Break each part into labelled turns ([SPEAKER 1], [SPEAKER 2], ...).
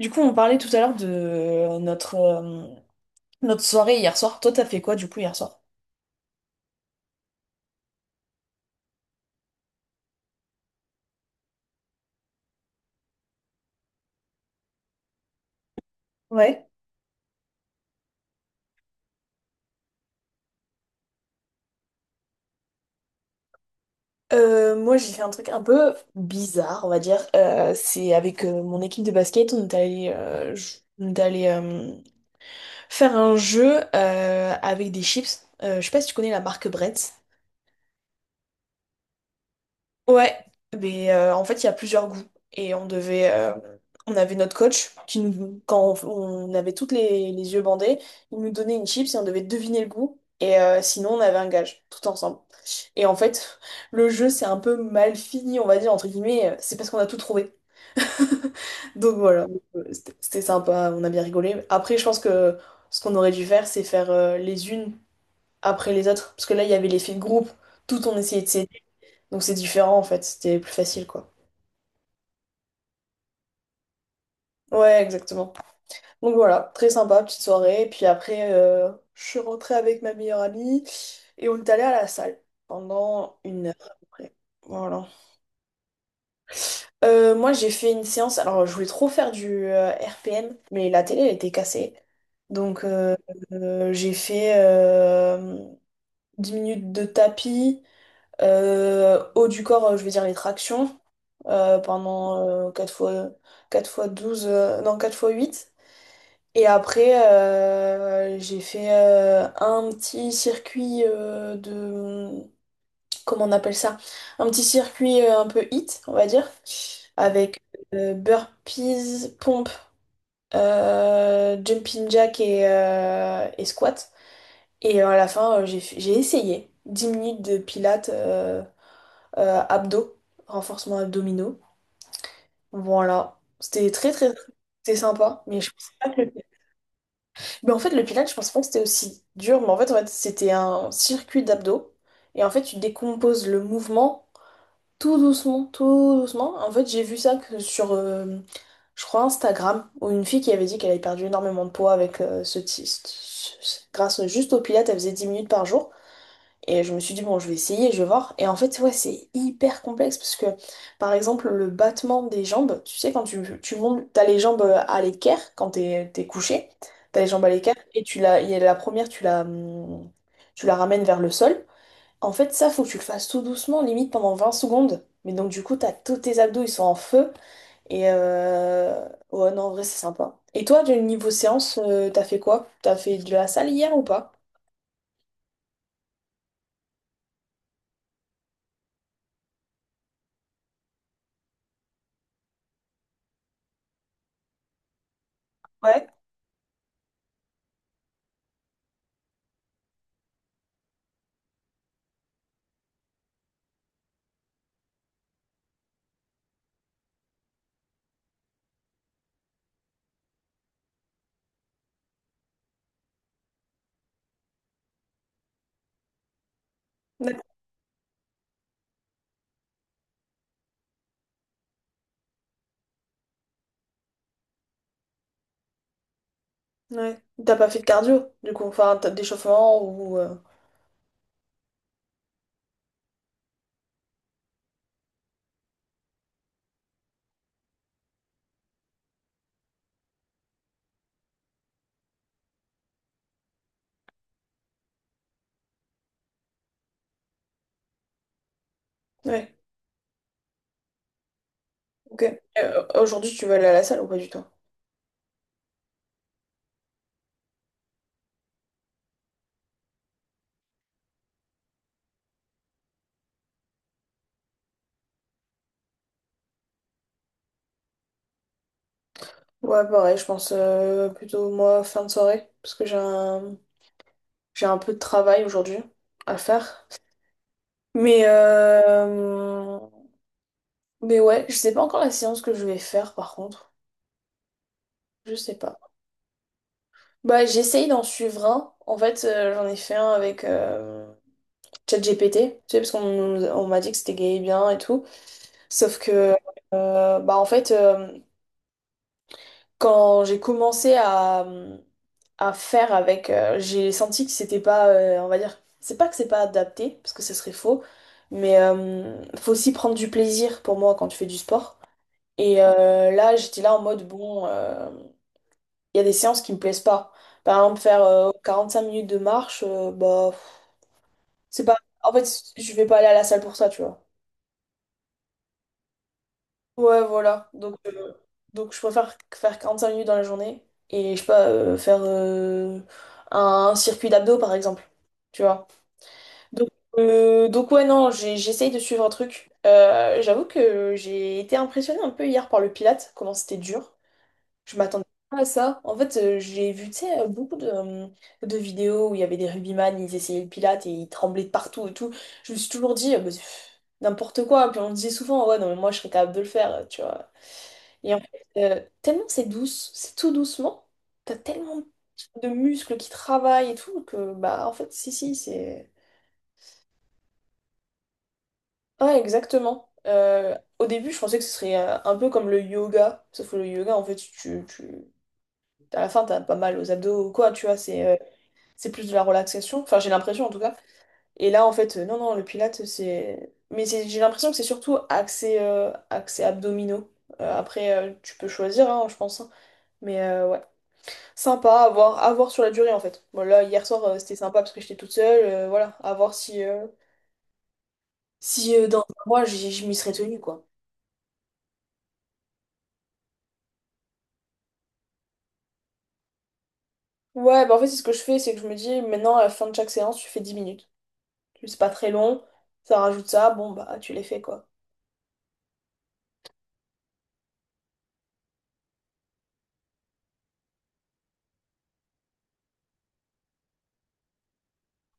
[SPEAKER 1] Du coup, on parlait tout à l'heure de notre, notre soirée hier soir. Toi, t'as fait quoi du coup hier soir? Ouais. Moi, j'ai fait un truc un peu bizarre, on va dire. C'est avec mon équipe de basket, on est allé, on est allé faire un jeu avec des chips. Je sais pas si tu connais la marque Bretz. Ouais, mais en fait, il y a plusieurs goûts. Et on devait. On avait notre coach qui nous. Quand on avait toutes les yeux bandés, il nous donnait une chips et on devait deviner le goût. Et sinon, on avait un gage, tout ensemble. Et en fait, le jeu, c'est un peu mal fini, on va dire, entre guillemets. C'est parce qu'on a tout trouvé. Donc voilà, c'était sympa, on a bien rigolé. Après, je pense que ce qu'on aurait dû faire, c'est faire les unes après les autres. Parce que là, il y avait l'effet de groupe. Tout on essayait de Donc c'est différent en fait, c'était plus facile quoi. Ouais, exactement. Donc voilà, très sympa, petite soirée. Puis après, je suis rentrée avec ma meilleure amie et on est allé à la salle pendant une heure à peu près. Voilà. Moi j'ai fait une séance, alors je voulais trop faire du RPM, mais la télé elle était cassée. Donc j'ai fait 10 minutes de tapis. Haut du corps, je vais dire les tractions pendant 4 fois, 4 fois 12 non 4 fois huit. Et après, j'ai fait un petit circuit de... Comment on appelle ça? Un petit circuit un peu hit on va dire, avec burpees, pompe, jumping jack et squat. Et à la fin, j'ai essayé 10 minutes de pilates, abdos, renforcement abdominaux. Bon, voilà. C'était très très très C'était sympa, mais je pensais pas que... Mais en fait, le pilates, je pensais pas que c'était aussi dur, mais en fait, c'était un circuit d'abdos. Et en fait, tu décomposes le mouvement tout doucement, tout doucement. En fait, j'ai vu ça que sur, je crois, Instagram, où une fille qui avait dit qu'elle avait perdu énormément de poids avec ce, ti- ce- ce- grâce juste au pilates, elle faisait 10 minutes par jour. Et je me suis dit, bon, je vais essayer, je vais voir. Et en fait, ouais, c'est hyper complexe parce que, par exemple, le battement des jambes, tu sais, quand tu montes, t'as les jambes à l'équerre quand t'es couché, t'as les jambes à l'équerre et il y a la première, tu la ramènes vers le sol. En fait, ça, faut que tu le fasses tout doucement, limite pendant 20 secondes. Mais donc, du coup, t'as tous tes abdos, ils sont en feu. Et euh, ouais, non, en vrai, c'est sympa. Et toi, du niveau séance, t'as fait quoi? T'as fait de la salle hier ou pas? Ouais. Ouais. T'as pas fait de cardio, du coup, enfin, t'as d'échauffement ou... Ouais, ok. Aujourd'hui, tu veux aller à la salle ou pas du tout? Ouais, pareil, je pense plutôt moi fin de soirée, parce que j'ai un peu de travail aujourd'hui à faire. Mais, euh, mais ouais, je sais pas encore la séance que je vais faire par contre. Je sais pas. Bah, j'essaye d'en suivre un. En fait, j'en ai fait un avec ChatGPT, tu sais, parce qu'on on m'a dit que c'était gay et bien et tout. Sauf que, euh, bah, en fait, euh, quand j'ai commencé à faire avec, j'ai senti que c'était pas, on va dire, c'est pas que c'est pas adapté, parce que ce serait faux, mais faut aussi prendre du plaisir pour moi quand tu fais du sport. Et là, j'étais là en mode, bon, il y a des séances qui me plaisent pas. Par exemple, faire 5 minutes de marche, bah, pff, c'est pas, en fait, je vais pas aller à la salle pour ça, tu vois. Ouais, voilà. Donc je préfère faire 45 minutes dans la journée et je sais pas, faire un circuit d'abdos par exemple. Tu vois. Donc, donc, ouais, non, j'essaye de suivre un truc. J'avoue que j'ai été impressionnée un peu hier par le Pilates, comment c'était dur. Je m'attendais pas à ça. En fait, j'ai vu, tu sais, beaucoup de de vidéos où il y avait des rugbyman, ils essayaient le Pilates et ils tremblaient de partout et tout. Je me suis toujours dit, bah, pff, n'importe quoi. Puis on me disait souvent, ouais, non, mais moi, je serais capable de le faire, tu vois. Et en fait, tellement c'est douce, c'est tout doucement, t'as tellement de muscles qui travaillent et tout que, bah, en fait, si, si, c'est. Ouais, exactement. Au début, je pensais que ce serait un peu comme le yoga, sauf que le yoga, en fait, tu... à la fin, t'as pas mal aux abdos ou quoi, tu vois, c'est plus de la relaxation, enfin, j'ai l'impression en tout cas. Et là, en fait, non, non, le pilates, c'est. Mais j'ai l'impression que c'est surtout axé, axé abdominaux. Après, tu peux choisir, hein, je pense. Hein. Mais ouais. Sympa à voir sur la durée en fait. Bon, là, hier soir, c'était sympa parce que j'étais toute seule. Euh, voilà, à voir si dans un mois, je m'y serais tenue quoi. Ouais, bah en fait, c'est ce que je fais, c'est que je me dis maintenant, à la fin de chaque séance, tu fais 10 minutes. C'est pas très long, ça rajoute ça, bon, bah tu les fais quoi.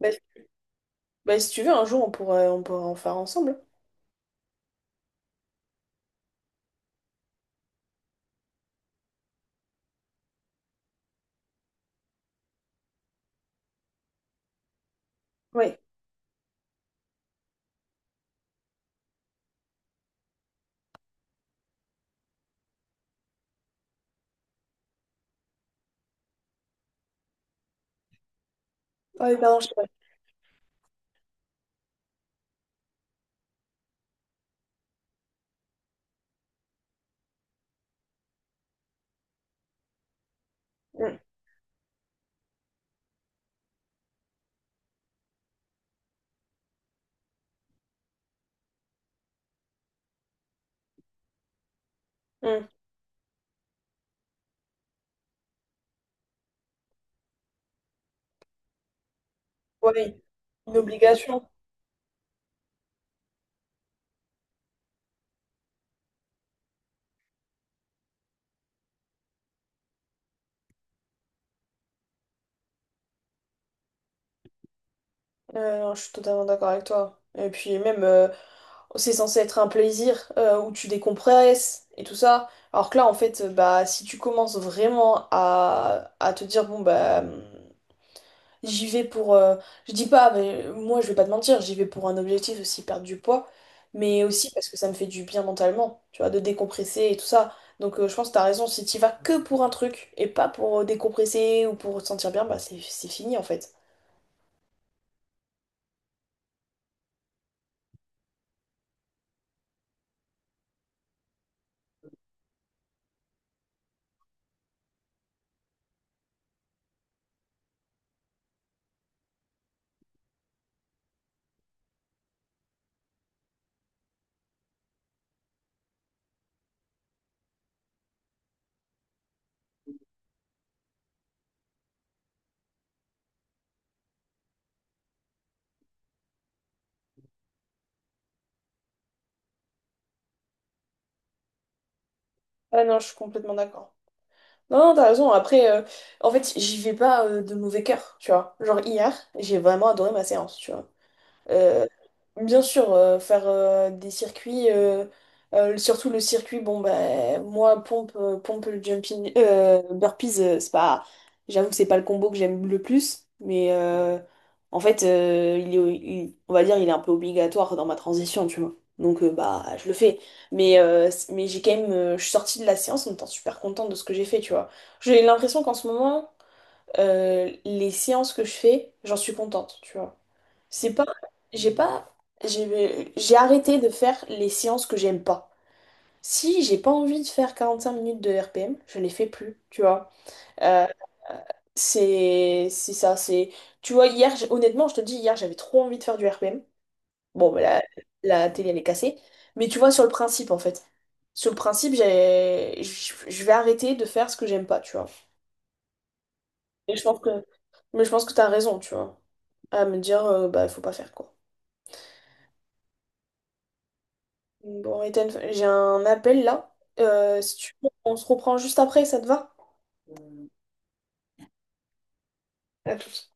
[SPEAKER 1] Bah, si bah, si tu veux, un jour, on pourra en faire ensemble. Oui. Ouais, pardon, je sais pas. Mm, mm. Ouais, une obligation. Non, je suis totalement d'accord avec toi. Et puis même, c'est censé être un plaisir où tu décompresses et tout ça. Alors que là, en fait, bah, si tu commences vraiment à te dire, bon, bah, j'y vais pour... je dis pas, mais moi, je vais pas te mentir, j'y vais pour un objectif aussi, perdre du poids, mais aussi parce que ça me fait du bien mentalement, tu vois, de décompresser et tout ça. Donc je pense que t'as raison, si t'y vas que pour un truc et pas pour décompresser ou pour te sentir bien, bah, c'est fini, en fait. Ah non, je suis complètement d'accord. Non, non, t'as raison. Après, en fait, j'y vais pas de mauvais cœur, tu vois. Genre, hier, j'ai vraiment adoré ma séance, tu vois. Euh, Bien sûr, faire des circuits, surtout le circuit, bon, bah, moi, pompe, pompe jumping, burpees, c'est pas, j'avoue que c'est pas le combo que j'aime le plus, mais en fait, on va dire, il est un peu obligatoire dans ma transition, tu vois. Donc, bah, je le fais. Mais j'ai quand même, je suis sortie de la séance en étant super contente de ce que j'ai fait, tu vois. J'ai l'impression qu'en ce moment, les séances que je fais, j'en suis contente, tu vois. C'est pas, j'ai pas, J'ai arrêté de faire les séances que j'aime pas. Si j'ai pas envie de faire 45 minutes de RPM, je les fais plus, tu vois. Euh, c'est ça, c'est... Tu vois, hier, honnêtement, je te dis, hier, j'avais trop envie de faire du RPM. Bon, bah, la télé, elle est cassée. Mais tu vois, sur le principe, en fait. Sur le principe, j'ai, je vais arrêter de faire ce que j'aime pas, tu vois. Et je pense que, mais je pense que t'as raison, tu vois, à me dire, bah, il faut pas faire, quoi. Bon, Ethan, j'ai un appel là. Si tu veux, on se reprend juste après, ça te va? À tout de suite.